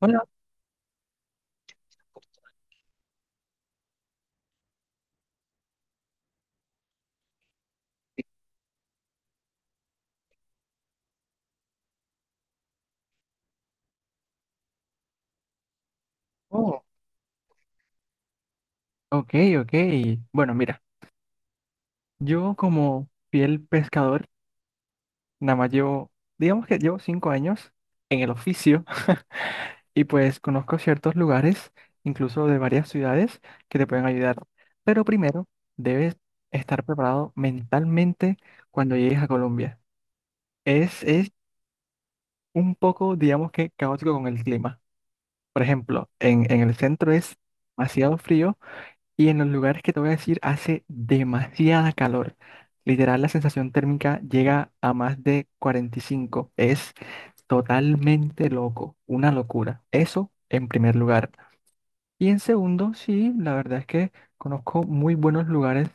Hola. Oh, ok, ok. Bueno, mira, yo como fiel pescador, nada más llevo, digamos que llevo cinco años en el oficio y pues conozco ciertos lugares, incluso de varias ciudades, que te pueden ayudar. Pero primero, debes estar preparado mentalmente cuando llegues a Colombia. Es un poco, digamos que, caótico con el clima. Por ejemplo, en el centro es demasiado frío. Y en los lugares que te voy a decir hace demasiada calor. Literal, la sensación térmica llega a más de 45. Es totalmente loco, una locura. Eso en primer lugar. Y en segundo, sí, la verdad es que conozco muy buenos lugares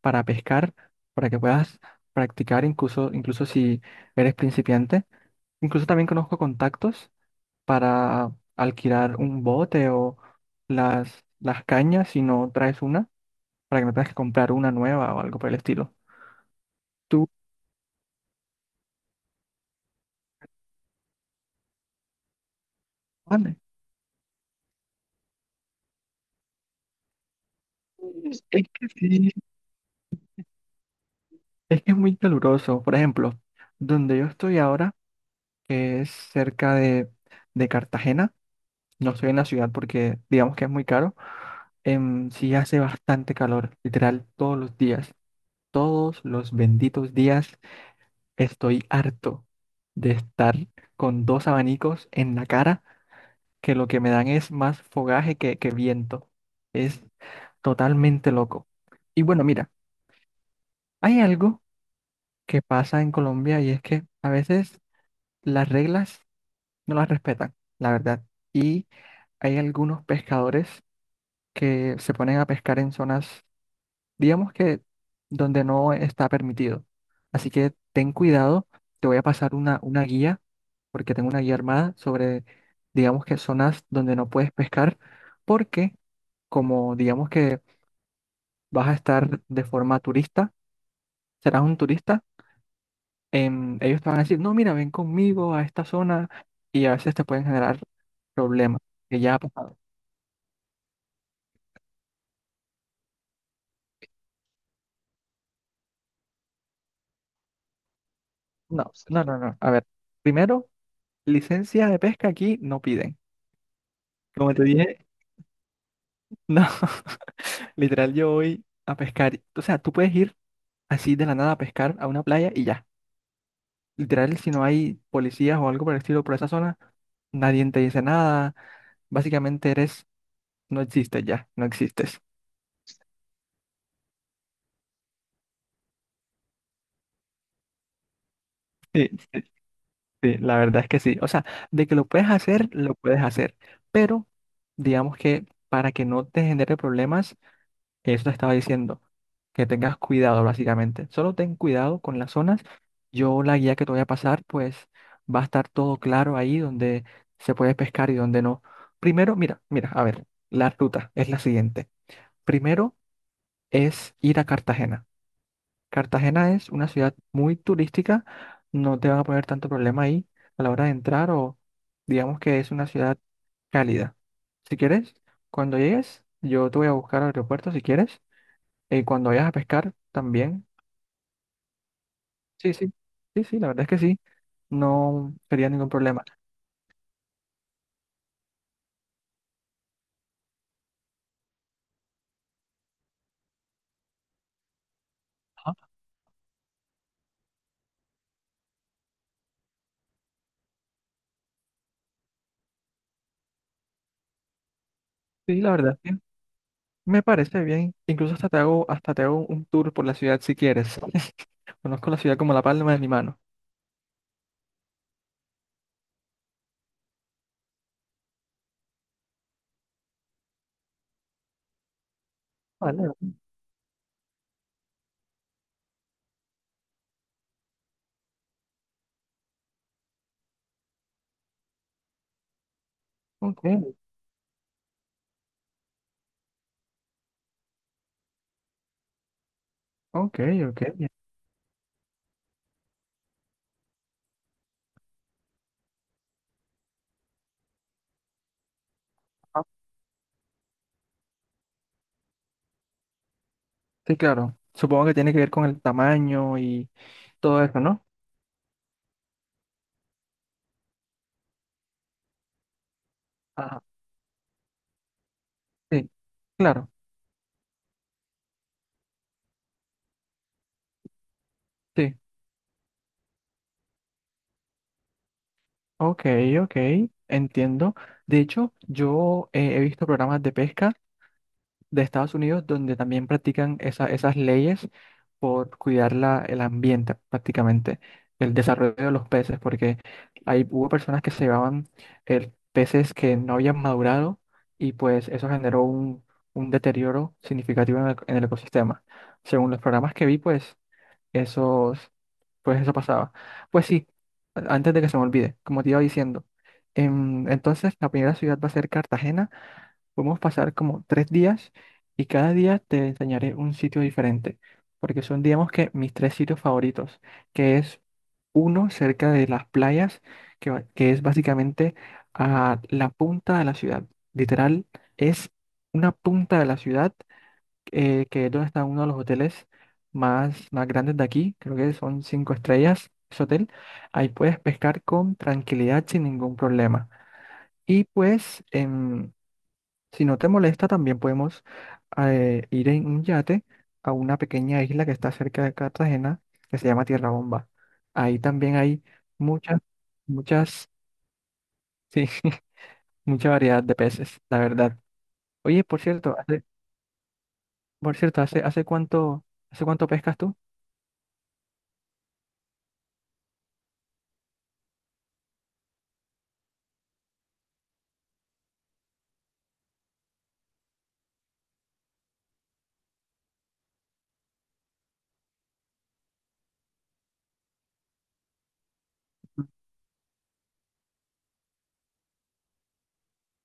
para pescar, para que puedas practicar incluso si eres principiante. Incluso también conozco contactos para alquilar un bote o las cañas si no traes una para que no tengas que comprar una nueva o algo por el estilo. Tú, vale. Es que sí, es que es muy caluroso. Por ejemplo, donde yo estoy ahora, que es cerca de Cartagena, no estoy en la ciudad porque digamos que es muy caro. Sí hace bastante calor, literal, todos los días. Todos los benditos días estoy harto de estar con dos abanicos en la cara que lo que me dan es más fogaje que viento. Es totalmente loco. Y bueno, mira, hay algo que pasa en Colombia y es que a veces las reglas no las respetan, la verdad. Y hay algunos pescadores que se ponen a pescar en zonas digamos que donde no está permitido. Así que ten cuidado, te voy a pasar una guía, porque tengo una guía armada sobre, digamos que zonas donde no puedes pescar, porque como digamos que vas a estar de forma turista, serás un turista, ellos te van a decir, no, mira, ven conmigo a esta zona y a veces te pueden generar problemas, que ya ha pasado. No, no, no, no. A ver, primero, licencia de pesca aquí no piden. Como te dije, no. Literal, yo voy a pescar. O sea, tú puedes ir así de la nada a pescar a una playa y ya. Literal, si no hay policías o algo por el estilo por esa zona, nadie te dice nada. Básicamente eres, no existes ya, no existes. Sí, sí, la verdad es que sí. O sea, de que lo puedes hacer, lo puedes hacer. Pero digamos que para que no te genere problemas, eso te estaba diciendo, que tengas cuidado básicamente. Solo ten cuidado con las zonas. Yo la guía que te voy a pasar, pues va a estar todo claro ahí donde se puede pescar y donde no. Primero, mira, mira, a ver, la ruta es la siguiente. Primero es ir a Cartagena. Cartagena es una ciudad muy turística, no te van a poner tanto problema ahí a la hora de entrar o digamos que es una ciudad cálida. Si quieres, cuando llegues, yo te voy a buscar al aeropuerto si quieres cuando vayas a pescar también. Sí, sí. Sí, sí, la verdad es que sí. No sería ningún problema. Ajá. Sí, la verdad, sí. Me parece bien. Incluso hasta te hago un tour por la ciudad si quieres. Conozco la ciudad como la palma de mi mano. Vale. Ok, ok, ok, bien. Ajá. Sí, claro. Supongo que tiene que ver con el tamaño y todo eso, ¿no? Ajá. Sí, claro. Sí. Ok, ok. Entiendo. De hecho, yo he visto programas de pesca de Estados Unidos, donde también practican esas leyes por cuidar el ambiente prácticamente, el desarrollo de los peces, porque ahí hubo personas que se llevaban peces que no habían madurado y pues eso generó un deterioro significativo en en el ecosistema. Según los programas que vi, pues, esos, pues eso pasaba. Pues sí, antes de que se me olvide, como te iba diciendo, entonces la primera ciudad va a ser Cartagena. Podemos pasar como tres días y cada día te enseñaré un sitio diferente, porque son, digamos que, mis tres sitios favoritos, que es uno cerca de las playas, que es básicamente a la punta de la ciudad. Literal, es una punta de la ciudad, que es donde está uno de los hoteles más grandes de aquí, creo que son cinco estrellas ese hotel. Ahí puedes pescar con tranquilidad sin ningún problema. Y pues si no te molesta, también podemos ir en un yate a una pequeña isla que está cerca de Cartagena, que se llama Tierra Bomba. Ahí también hay muchas, muchas, sí, mucha variedad de peces, la verdad. Oye, por cierto, ¿ hace cuánto pescas tú?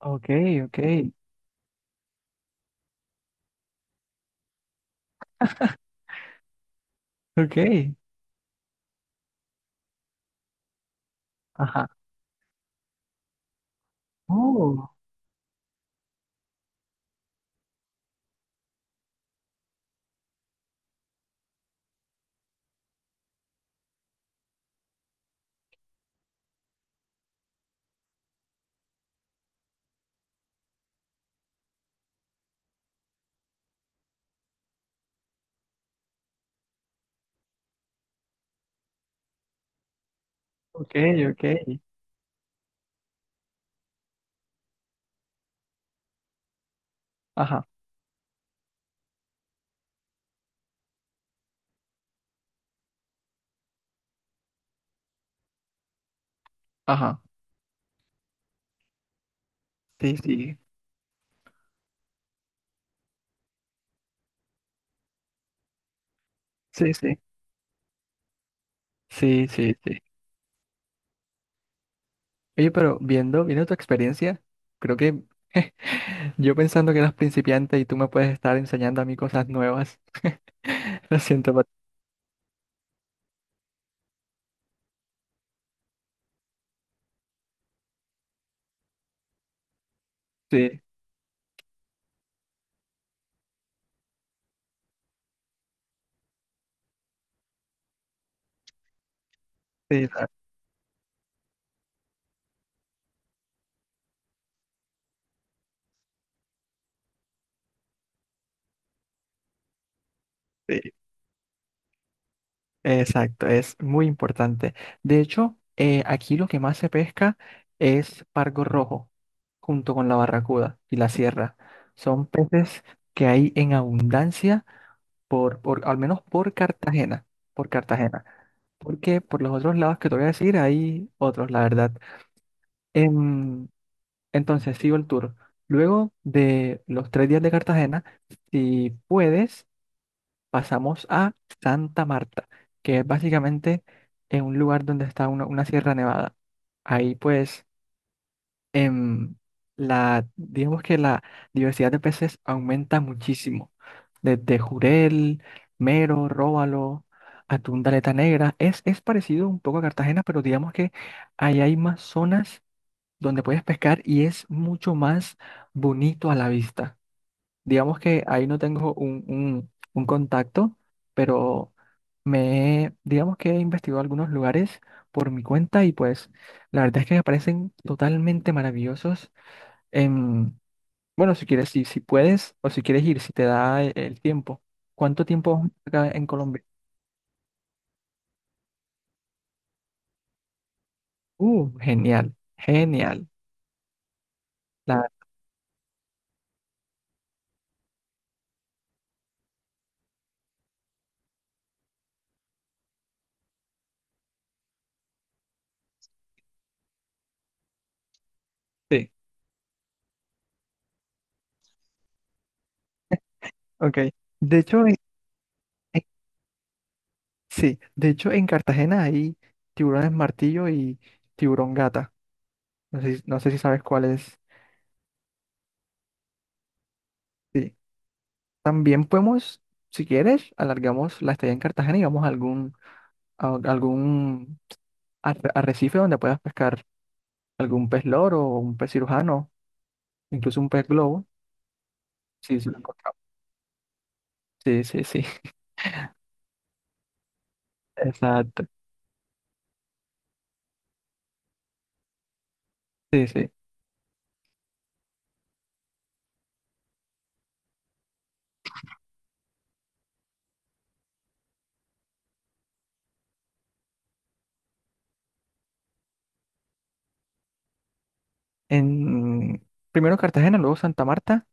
Ok, ok, ok, ajá. Oh, ok, ok, ajá, ajá, sí, sí, sí, sí, sí, sí, sí. Oye, pero viendo tu experiencia, creo que yo pensando que eras principiante y tú me puedes estar enseñando a mí cosas nuevas. Lo siento, sí, sí, sí. Exacto, es muy importante. De hecho, aquí lo que más se pesca es pargo rojo, junto con la barracuda y la sierra. Son peces que hay en abundancia, al menos por Cartagena, por Cartagena. Porque por los otros lados que te voy a decir, hay otros, la verdad. Em, entonces, sigo el tour. Luego de los tres días de Cartagena, si puedes, pasamos a Santa Marta, que es básicamente en un lugar donde está una sierra nevada. Ahí pues, em, digamos que la diversidad de peces aumenta muchísimo. Desde jurel, mero, róbalo, atún de aleta negra. Es parecido un poco a Cartagena, pero digamos que ahí hay más zonas donde puedes pescar y es mucho más bonito a la vista. Digamos que ahí no tengo un contacto, pero digamos que he investigado algunos lugares por mi cuenta y pues la verdad es que me parecen totalmente maravillosos. en- bueno, si quieres, si puedes o si quieres ir, si te da el tiempo. ¿Cuánto tiempo vas a estar acá en Colombia? Genial, genial. La, sí, ok. De hecho, sí, de hecho en Cartagena hay tiburones martillo y tiburón gata. No sé, no sé si sabes cuál es. Sí. También podemos, si quieres, alargamos la estadía en Cartagena y vamos a algún arrecife donde puedas pescar algún pez loro o un pez cirujano, incluso un pez globo. Sí, sí, lo encontramos. Sí, sí, sí. Exacto. Sí, sí. En, primero Cartagena, luego Santa Marta.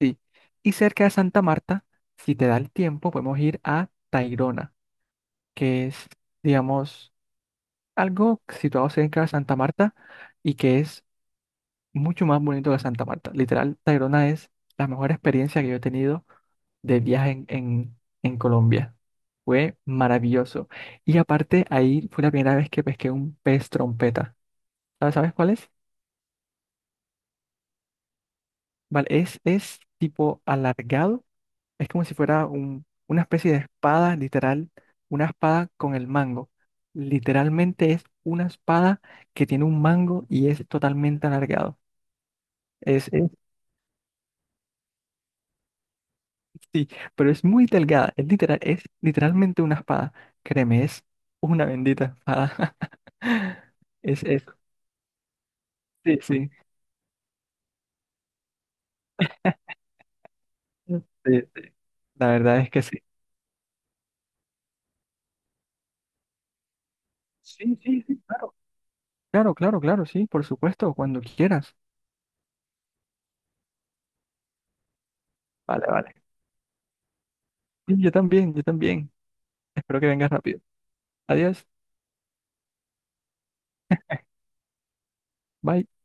Sí. Y cerca de Santa Marta, si te da el tiempo, podemos ir a Tayrona. Que es, digamos, algo situado cerca de Santa Marta y que es mucho más bonito que Santa Marta. Literal, Tayrona es la mejor experiencia que yo he tenido de viaje en Colombia. Fue maravilloso. Y aparte, ahí fue la primera vez que pesqué un pez trompeta. ¿ sabes cuál es? Vale, es tipo alargado. Es como si fuera una especie de espada, literal, una espada con el mango. Literalmente es una espada que tiene un mango y es totalmente alargado. Es, es- sí, pero es muy delgada. Es literal, es literalmente una espada. Créeme, es una bendita espada. Es eso. Sí, sí. Sí, sí, la verdad es que sí. Sí, sí, sí, claro. Claro, claro, claro, sí, por supuesto, cuando quieras. Vale, vale. Sí, yo también, yo también. Espero que vengas rápido. Adiós. Bye.